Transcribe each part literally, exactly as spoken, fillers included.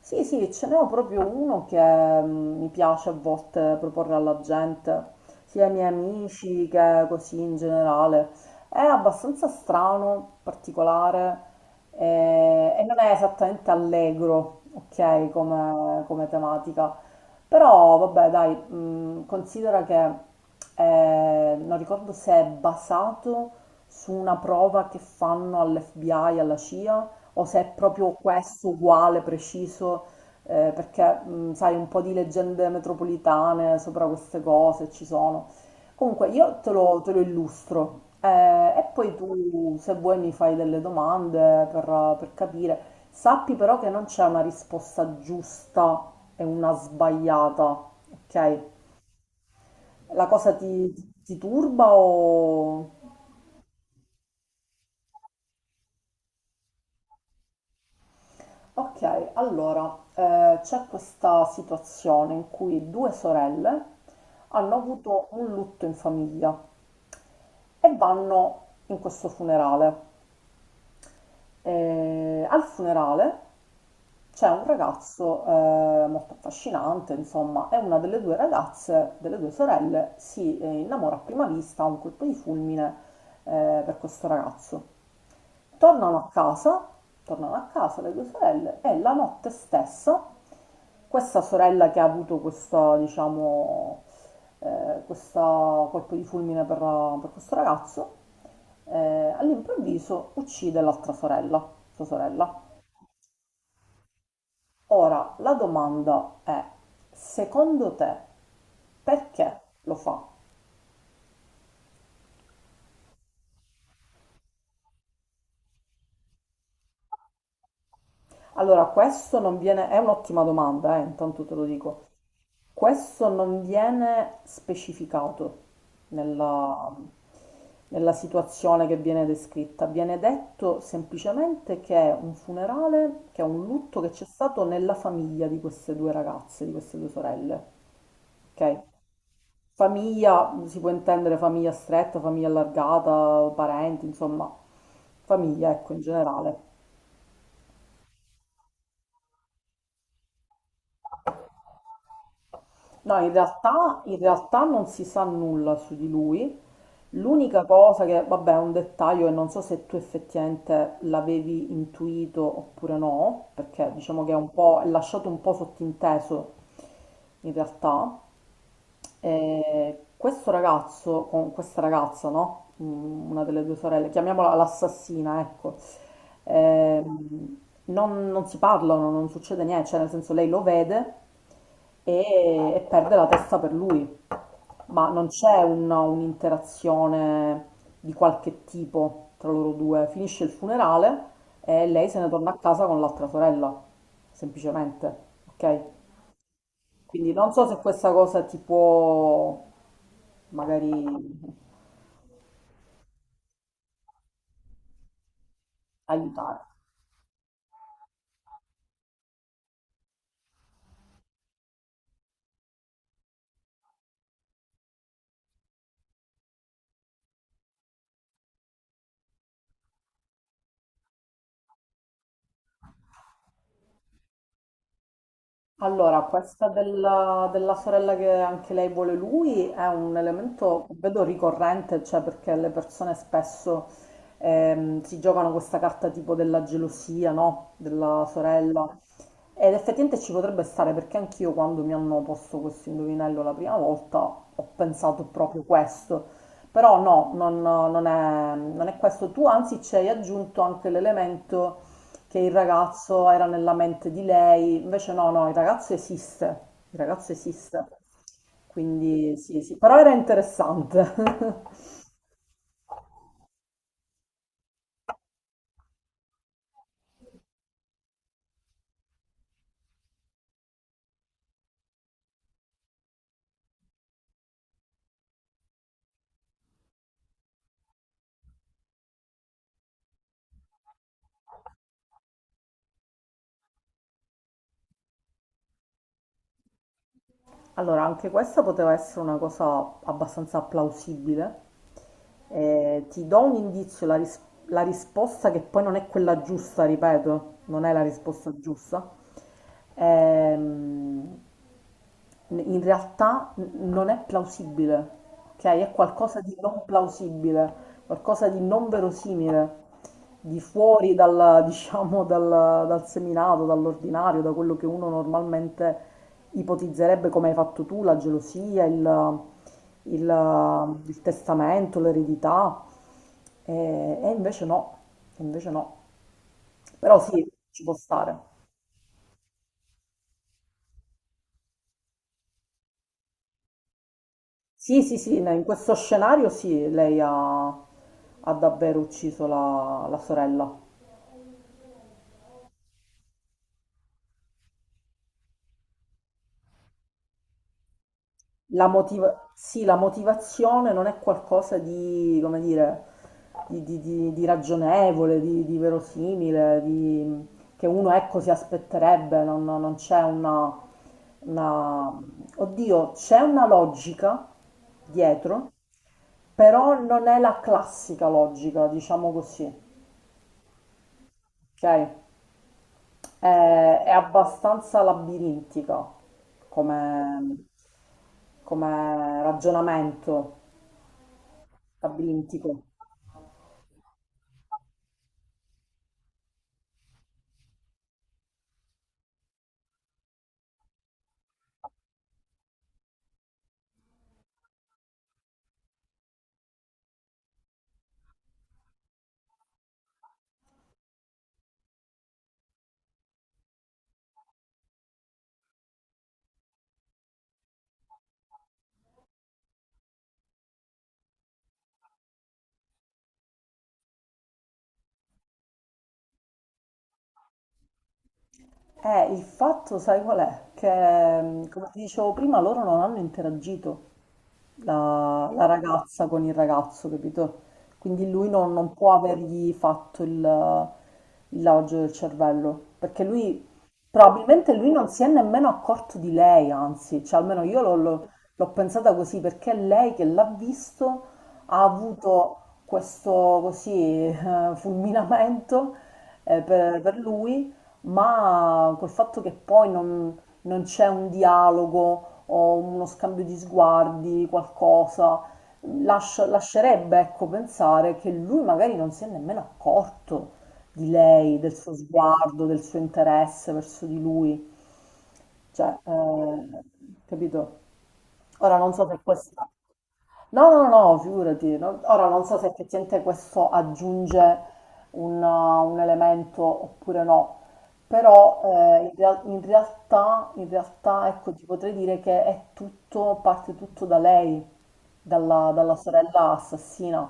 Sì, sì, ce n'ho proprio uno che mm, mi piace a volte proporre alla gente, sia ai miei amici che così in generale. È abbastanza strano, particolare eh, e non è esattamente allegro, ok, come, come tematica. Però vabbè, dai, mm, considera che eh, non ricordo se è basato su una prova che fanno all'F B I, alla C I A o se è proprio questo uguale, preciso, eh, perché mh, sai, un po' di leggende metropolitane sopra queste cose ci sono. Comunque, io te lo, te lo illustro eh, e poi tu, se vuoi, mi fai delle domande per, per capire. Sappi però che non c'è una risposta giusta e una sbagliata, ok? La cosa ti, ti turba o... Ok, allora eh, c'è questa situazione in cui due sorelle hanno avuto un lutto in famiglia e vanno in questo funerale. E al funerale c'è un ragazzo eh, molto affascinante, insomma, e una delle due ragazze, delle due sorelle, si eh, innamora a prima vista, ha un colpo di fulmine eh, per questo ragazzo. Tornano a casa, tornano a casa le due sorelle e la notte stessa questa sorella che ha avuto questo, diciamo, eh, questo colpo di fulmine per, per questo ragazzo eh, all'improvviso uccide l'altra sorella, sua sorella. Ora, la domanda è, secondo te, perché lo fa? Allora, questo non viene, è un'ottima domanda, eh, intanto te lo dico. Questo non viene specificato nella, nella situazione che viene descritta. Viene detto semplicemente che è un funerale, che è un lutto che c'è stato nella famiglia di queste due ragazze, di queste due sorelle. Ok? Famiglia, si può intendere famiglia stretta, famiglia allargata, parenti, insomma, famiglia, ecco, in generale. No, in realtà, in realtà non si sa nulla su di lui. L'unica cosa che, vabbè, è un dettaglio e non so se tu effettivamente l'avevi intuito oppure no, perché diciamo che è un po', è lasciato un po' sottinteso in realtà. Eh, questo ragazzo, con questa ragazza, no? Mm, una delle due sorelle, chiamiamola l'assassina, ecco. ehm, non, non si parlano, non succede niente, cioè nel senso lei lo vede e, e perde la testa per lui, ma non c'è un- un'interazione di qualche tipo tra loro due. Finisce il funerale e lei se ne torna a casa con l'altra sorella, semplicemente, ok? Quindi non so se questa cosa ti può magari aiutare. Allora, questa della, della sorella che anche lei vuole lui è un elemento, vedo, ricorrente, cioè perché le persone spesso ehm, si giocano questa carta tipo della gelosia, no? Della sorella, ed effettivamente ci potrebbe stare perché anch'io quando mi hanno posto questo indovinello la prima volta ho pensato proprio questo, però no, non, non è, non è questo. Tu anzi ci hai aggiunto anche l'elemento che il ragazzo era nella mente di lei, invece no, no, il ragazzo esiste, il ragazzo esiste, quindi sì, sì, però era interessante. Allora, anche questa poteva essere una cosa abbastanza plausibile. Eh, ti do un indizio, la, ris- la risposta che poi non è quella giusta, ripeto, non è la risposta giusta. Ehm, in realtà n- non è plausibile, ok? È qualcosa di non plausibile, qualcosa di non verosimile, di fuori dalla- diciamo, dal, dal seminato, dall'ordinario, da quello che uno normalmente ipotizzerebbe come hai fatto tu, la gelosia, il, il- il testamento, l'eredità, e, e invece no, e invece no. Però sì, ci può stare. Sì, sì, sì, ne- in questo scenario sì, lei ha, ha davvero ucciso la, la sorella. La motiva- sì, la motivazione non è qualcosa di, come dire, di, di- di- di ragionevole, di, di verosimile, di- che uno ecco si aspetterebbe, non, non c'è una, una... Oddio, c'è una logica dietro, però non è la classica logica, diciamo così, ok? Eh, è abbastanza labirintica come, come ragionamento labirintico. Eh, il fatto, sai qual è? Che, mh, come ti dicevo prima, loro non hanno interagito, la, la ragazza con il ragazzo, capito? Quindi lui non, non può avergli fatto il, il lavaggio del cervello, perché lui probabilmente lui non si è nemmeno accorto di lei, anzi, cioè almeno io l'ho l'ho- l'ho pensata così, perché lei che l'ha visto ha avuto questo così eh, fulminamento eh, per, per lui, ma col fatto che poi non, non c'è un dialogo o uno scambio di sguardi, qualcosa, lascia- lascerebbe, ecco, pensare che lui magari non si è nemmeno accorto di lei, del suo sguardo, del suo interesse verso di lui. Cioè, eh, capito? Ora non so se questa... No, no, no, figurati. No. Ora non so se effettivamente questo aggiunge un, uh, un elemento oppure no, però eh, in, real- in realtà, in realtà, ecco, ti potrei dire che è tutto, parte tutto da lei, dalla, dalla sorella assassina.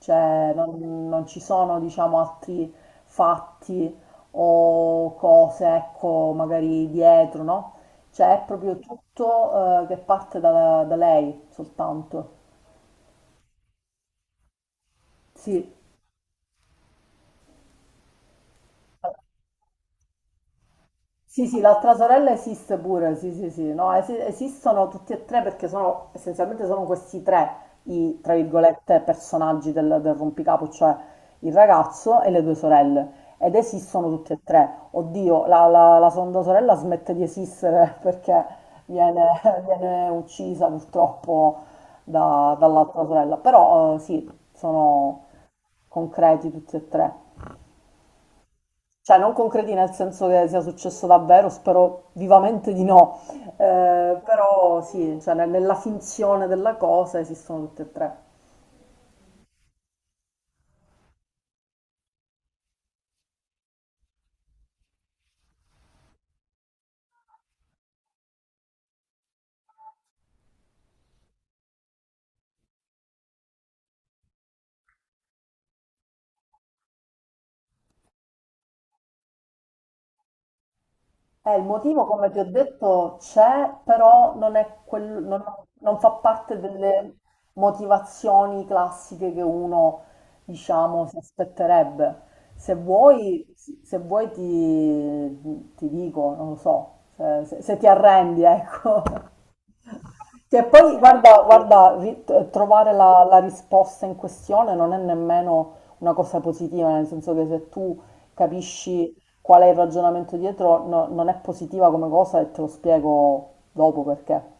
Cioè, non, non ci sono, diciamo, altri fatti o cose, ecco, magari dietro, no? Cioè, è proprio tutto, eh, che parte da da lei soltanto. Sì, sì, sì, l'altra sorella esiste pure, sì, sì, sì, no, esi- esistono tutti e tre perché sono, essenzialmente sono questi tre i, tra virgolette, personaggi del, del rompicapo, cioè il ragazzo e le due sorelle, ed esistono tutti e tre. Oddio, la, la, la seconda sorella smette di esistere perché viene, viene uccisa purtroppo da- dall'altra sorella, però eh, sì, sono concreti tutti e tre. Cioè, non concreti nel senso che sia successo davvero, spero vivamente di no. Eh, però sì, cioè, ne- nella finzione della cosa esistono tutte e tre. Eh, il motivo, come ti ho detto, c'è, però non è quel- non, non fa parte delle motivazioni classiche che uno, diciamo, si aspetterebbe. Se vuoi, se vuoi ti, ti dico, non lo so, se, se- se ti arrendi, ecco. Sì, e poi guarda, guarda, ri- t- trovare la, la risposta in questione non è nemmeno una cosa positiva, nel senso che se tu capisci qual è il ragionamento dietro, no- non è positiva come cosa e te lo spiego dopo perché.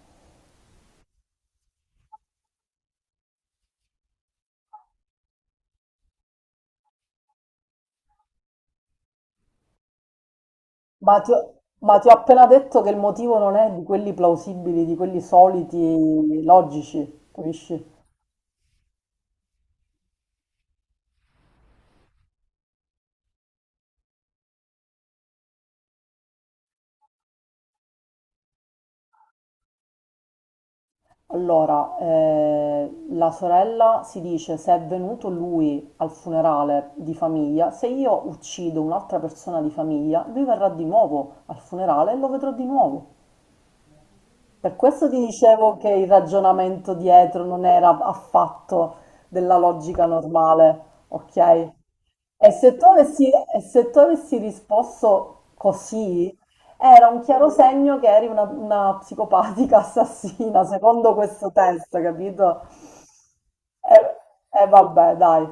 Ma ti ho, ma ti ho appena detto che il motivo non è di quelli plausibili, di quelli soliti, logici, capisci? Allora, eh, la sorella si dice se è venuto lui al funerale di famiglia, se io uccido un'altra persona di famiglia, lui verrà di nuovo al funerale e lo vedrò di nuovo. Per questo ti dicevo che il ragionamento dietro non era affatto della logica normale, ok? E se tu avessi, e se tu avessi risposto così, era un chiaro segno che eri una, una psicopatica assassina, secondo questo test, capito? E, e vabbè, dai.